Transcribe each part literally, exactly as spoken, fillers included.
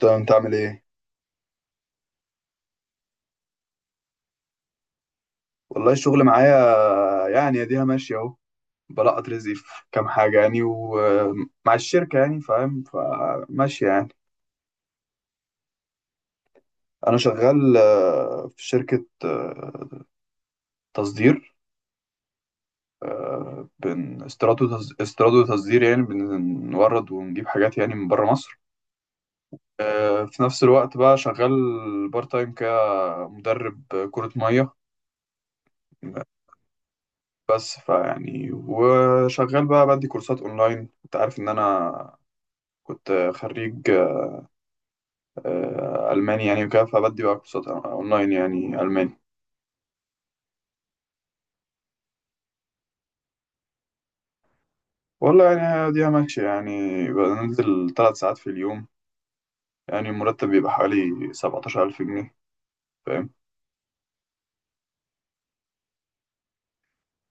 تمام، انت عامل ايه؟ والله الشغل معايا، يعني اديها ماشية اهو. بلقط رزقي في كام حاجة يعني، ومع الشركة يعني، فاهم؟ فماشية يعني. انا شغال آه، في شركة آه، تصدير. بن استيراد وتص- استيراد وتصدير، يعني بنورد ونجيب حاجات يعني من بره مصر. آه، في نفس الوقت بقى شغال بارت تايم كمدرب كرة مية. بس فيعني وشغال بقى بدي كورسات اونلاين. انت عارف ان انا كنت خريج آه، ألماني يعني وكده، فبدي بقى كورسات أونلاين يعني ألماني. والله يعني دي ماشية يعني، بنزل ثلاث ساعات في اليوم، يعني المرتب بيبقى حوالي سبعتاشر ألف جنيه. فاهم؟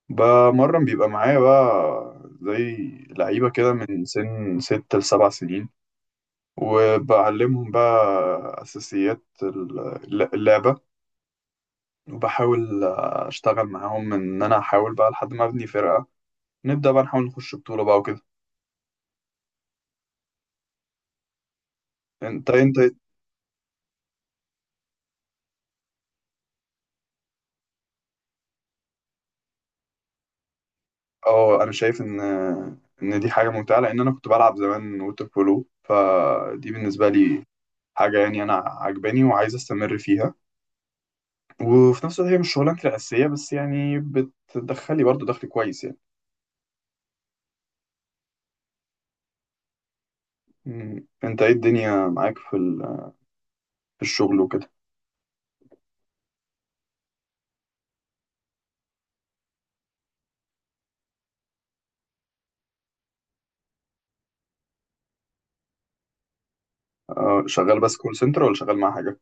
بمرن بيبقى معايا بقى زي لعيبة كده، من سن ست لسبع سنين، وبعلمهم بقى أساسيات ال- اللعبة، وبحاول أشتغل معاهم إن أنا أحاول بقى لحد ما أبني فرقة، نبدأ بقى نحاول نخش بطولة بقى وكده. انت انت. اه، انا شايف ان ان دي حاجه ممتعه، لان انا كنت بلعب زمان ووتر بولو، فدي بالنسبه لي حاجه يعني انا عجباني وعايز استمر فيها. وفي نفس الوقت هي مش شغلانتي الاساسيه، بس يعني بتدخلي برضو دخل كويس يعني. مم. انت ايه الدنيا معاك في ال- في الشغل وكده؟ اه، شغال بس كول سنتر ولا شغال مع حاجه؟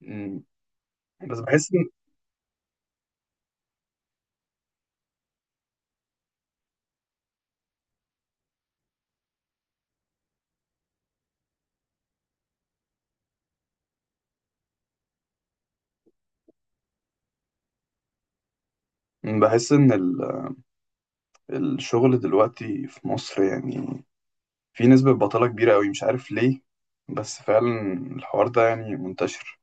مم. بس بحس ان بحس ان ال- الشغل دلوقتي في مصر يعني في نسبه بطاله كبيره قوي، مش عارف ليه. بس فعلا الحوار ده يعني منتشر.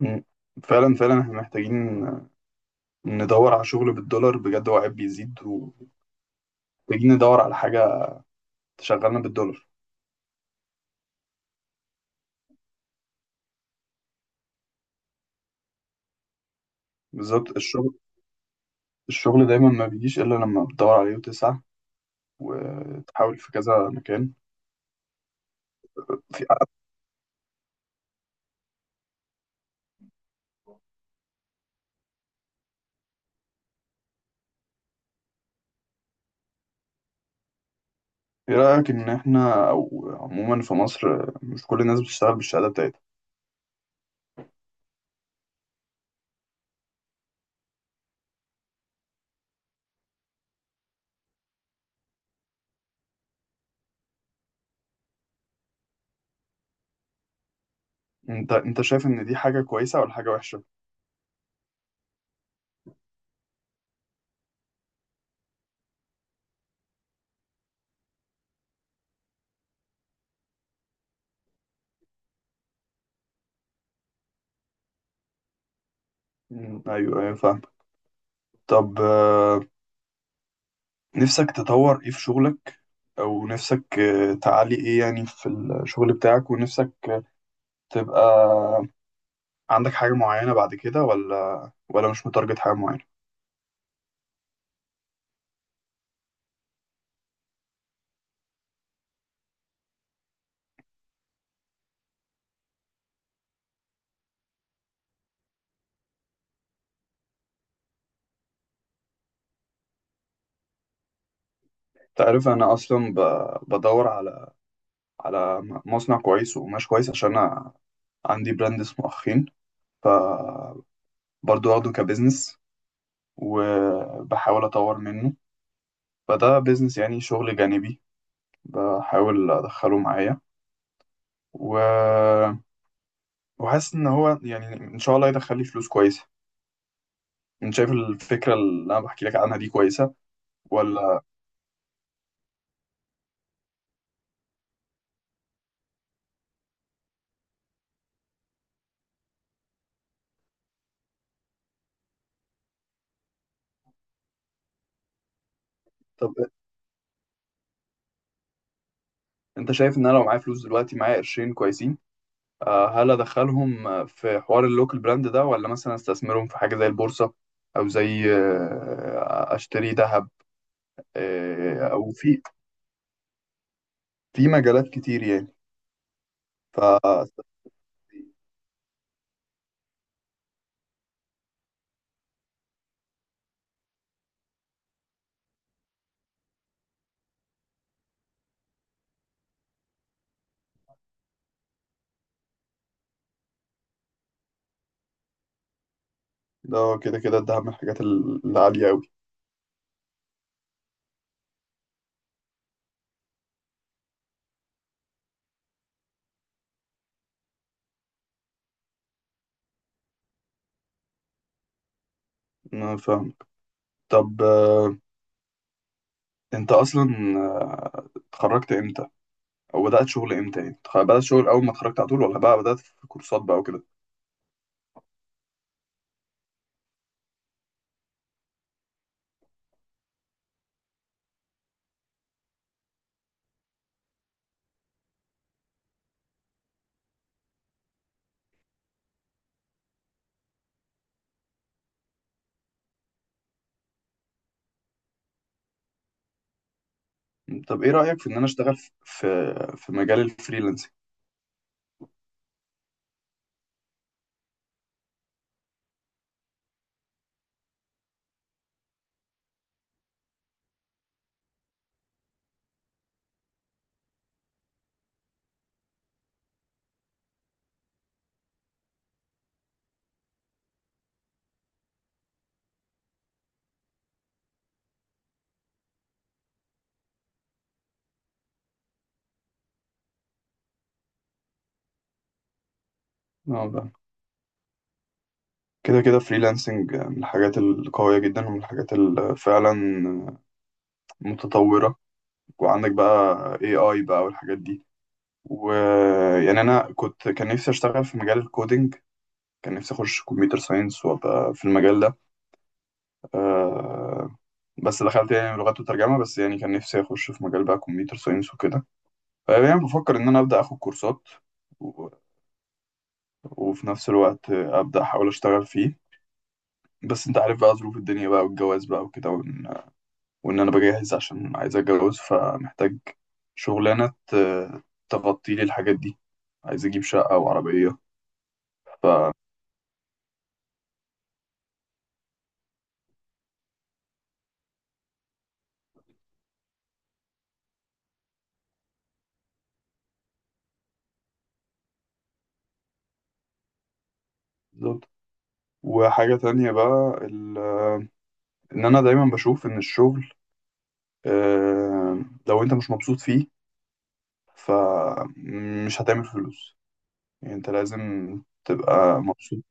مم. فعلا فعلا احنا محتاجين ندور على شغل بالدولار بجد، هو عيب بيزيد، ومحتاجين ندور على حاجة تشغلنا بالدولار. بالظبط. الشغل الشغل دايما ما بيجيش إلا لما بتدور عليه وتسعى وتحاول في كذا مكان. في إيه رأيك إن احنا أو عموما في مصر مش كل الناس بتشتغل بالشهادة بتاعتها؟ انت انت شايف ان دي حاجة كويسة ولا حاجة وحشة؟ مم. ايوه، ايوه، فاهم. طب آه، نفسك تطور ايه في شغلك، او نفسك آه، تعلي ايه يعني في الشغل بتاعك، ونفسك تبقى عندك حاجة معينة بعد كده، ولا ولا مش متارجت حاجة معينة؟ انت عارف أنا أصلا ب- بدور على على مصنع كويس وقماش كويس، عشان أنا عندي براند اسمه أخين. فبرضه واخده كبزنس، وبحاول أطور منه. فده بزنس يعني شغل جانبي، بحاول أدخله معايا و... وحاسس إن هو يعني إن شاء الله يدخل لي فلوس كويسة. أنت شايف الفكرة اللي أنا بحكي لك عنها دي كويسة ولا؟ طب انت شايف ان انا لو معايا فلوس دلوقتي، معايا قرشين كويسين، آه، هل ادخلهم في حوار اللوكال براند ده، ولا مثلا استثمرهم في حاجه زي البورصه، او زي آه، اشتري ذهب؟ آه، او في في مجالات كتير يعني. ف، ده كده كده الدهب من الحاجات ال- العاليه قوي. انا فاهم. طب آه، انت اصلا آه، اتخرجت امتى، او بدات شغل امتى يعني؟ تخ- بدات شغل اول ما اتخرجت على طول، ولا بقى بدات في كورسات بقى وكده؟ طب ايه رايك في ان انا اشتغل في في في مجال الفريلانسنج؟ كده كده فريلانسنج من الحاجات القوية جدا، ومن الحاجات اللي فعلا متطورة. وعندك بقى A I بقى والحاجات دي. ويعني أنا كنت كان نفسي أشتغل في مجال الكودينج، كان نفسي أخش كمبيوتر ساينس وأبقى في المجال ده. آه، بس دخلت يعني لغات وترجمة. بس يعني كان نفسي أخش في مجال بقى كمبيوتر ساينس وكده. آه، يعني بفكر إن أنا أبدأ أخد كورسات و- وفي نفس الوقت أبدأ أحاول أشتغل فيه. بس أنت عارف بقى ظروف الدنيا بقى والجواز بقى وكده، وان انا بجهز عشان عايز اتجوز، فمحتاج شغلانه ت- تغطي لي الحاجات دي، عايز اجيب شقه وعربيه. ف، بالظبط. وحاجه تانية بقى ال- ان انا دايما بشوف ان الشغل آه، لو انت مش مبسوط فيه فمش هتعمل فلوس، يعني انت لازم تبقى مبسوط.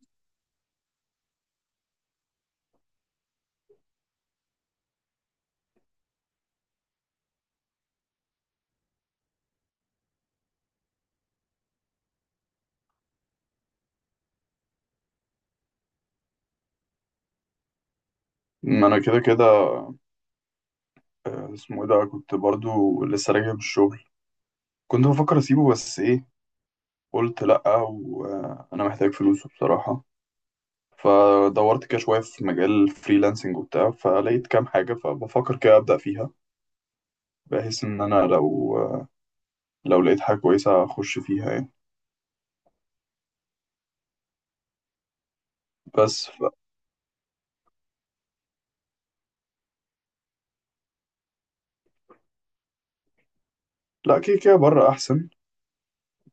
ما انا كده كده. آه، اسمه ايه ده، كنت برضو لسه راجع من الشغل. كنت بفكر اسيبه، بس ايه، قلت لأ، وأنا محتاج فلوس بصراحة. فدورت كده شوية في مجال فريلانسنج وبتاع، فلقيت كام حاجة، فبفكر كده أبدأ فيها، بحيث إن أنا لو لو لقيت حاجة كويسة أخش فيها يعني. بس ف... لا، كده كده بره أحسن،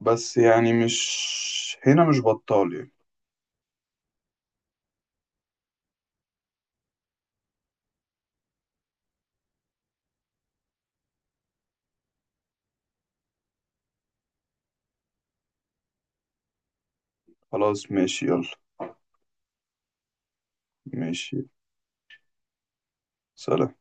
بس يعني مش هنا مش بطال يعني. خلاص ماشي، يلا. ماشي. سلام.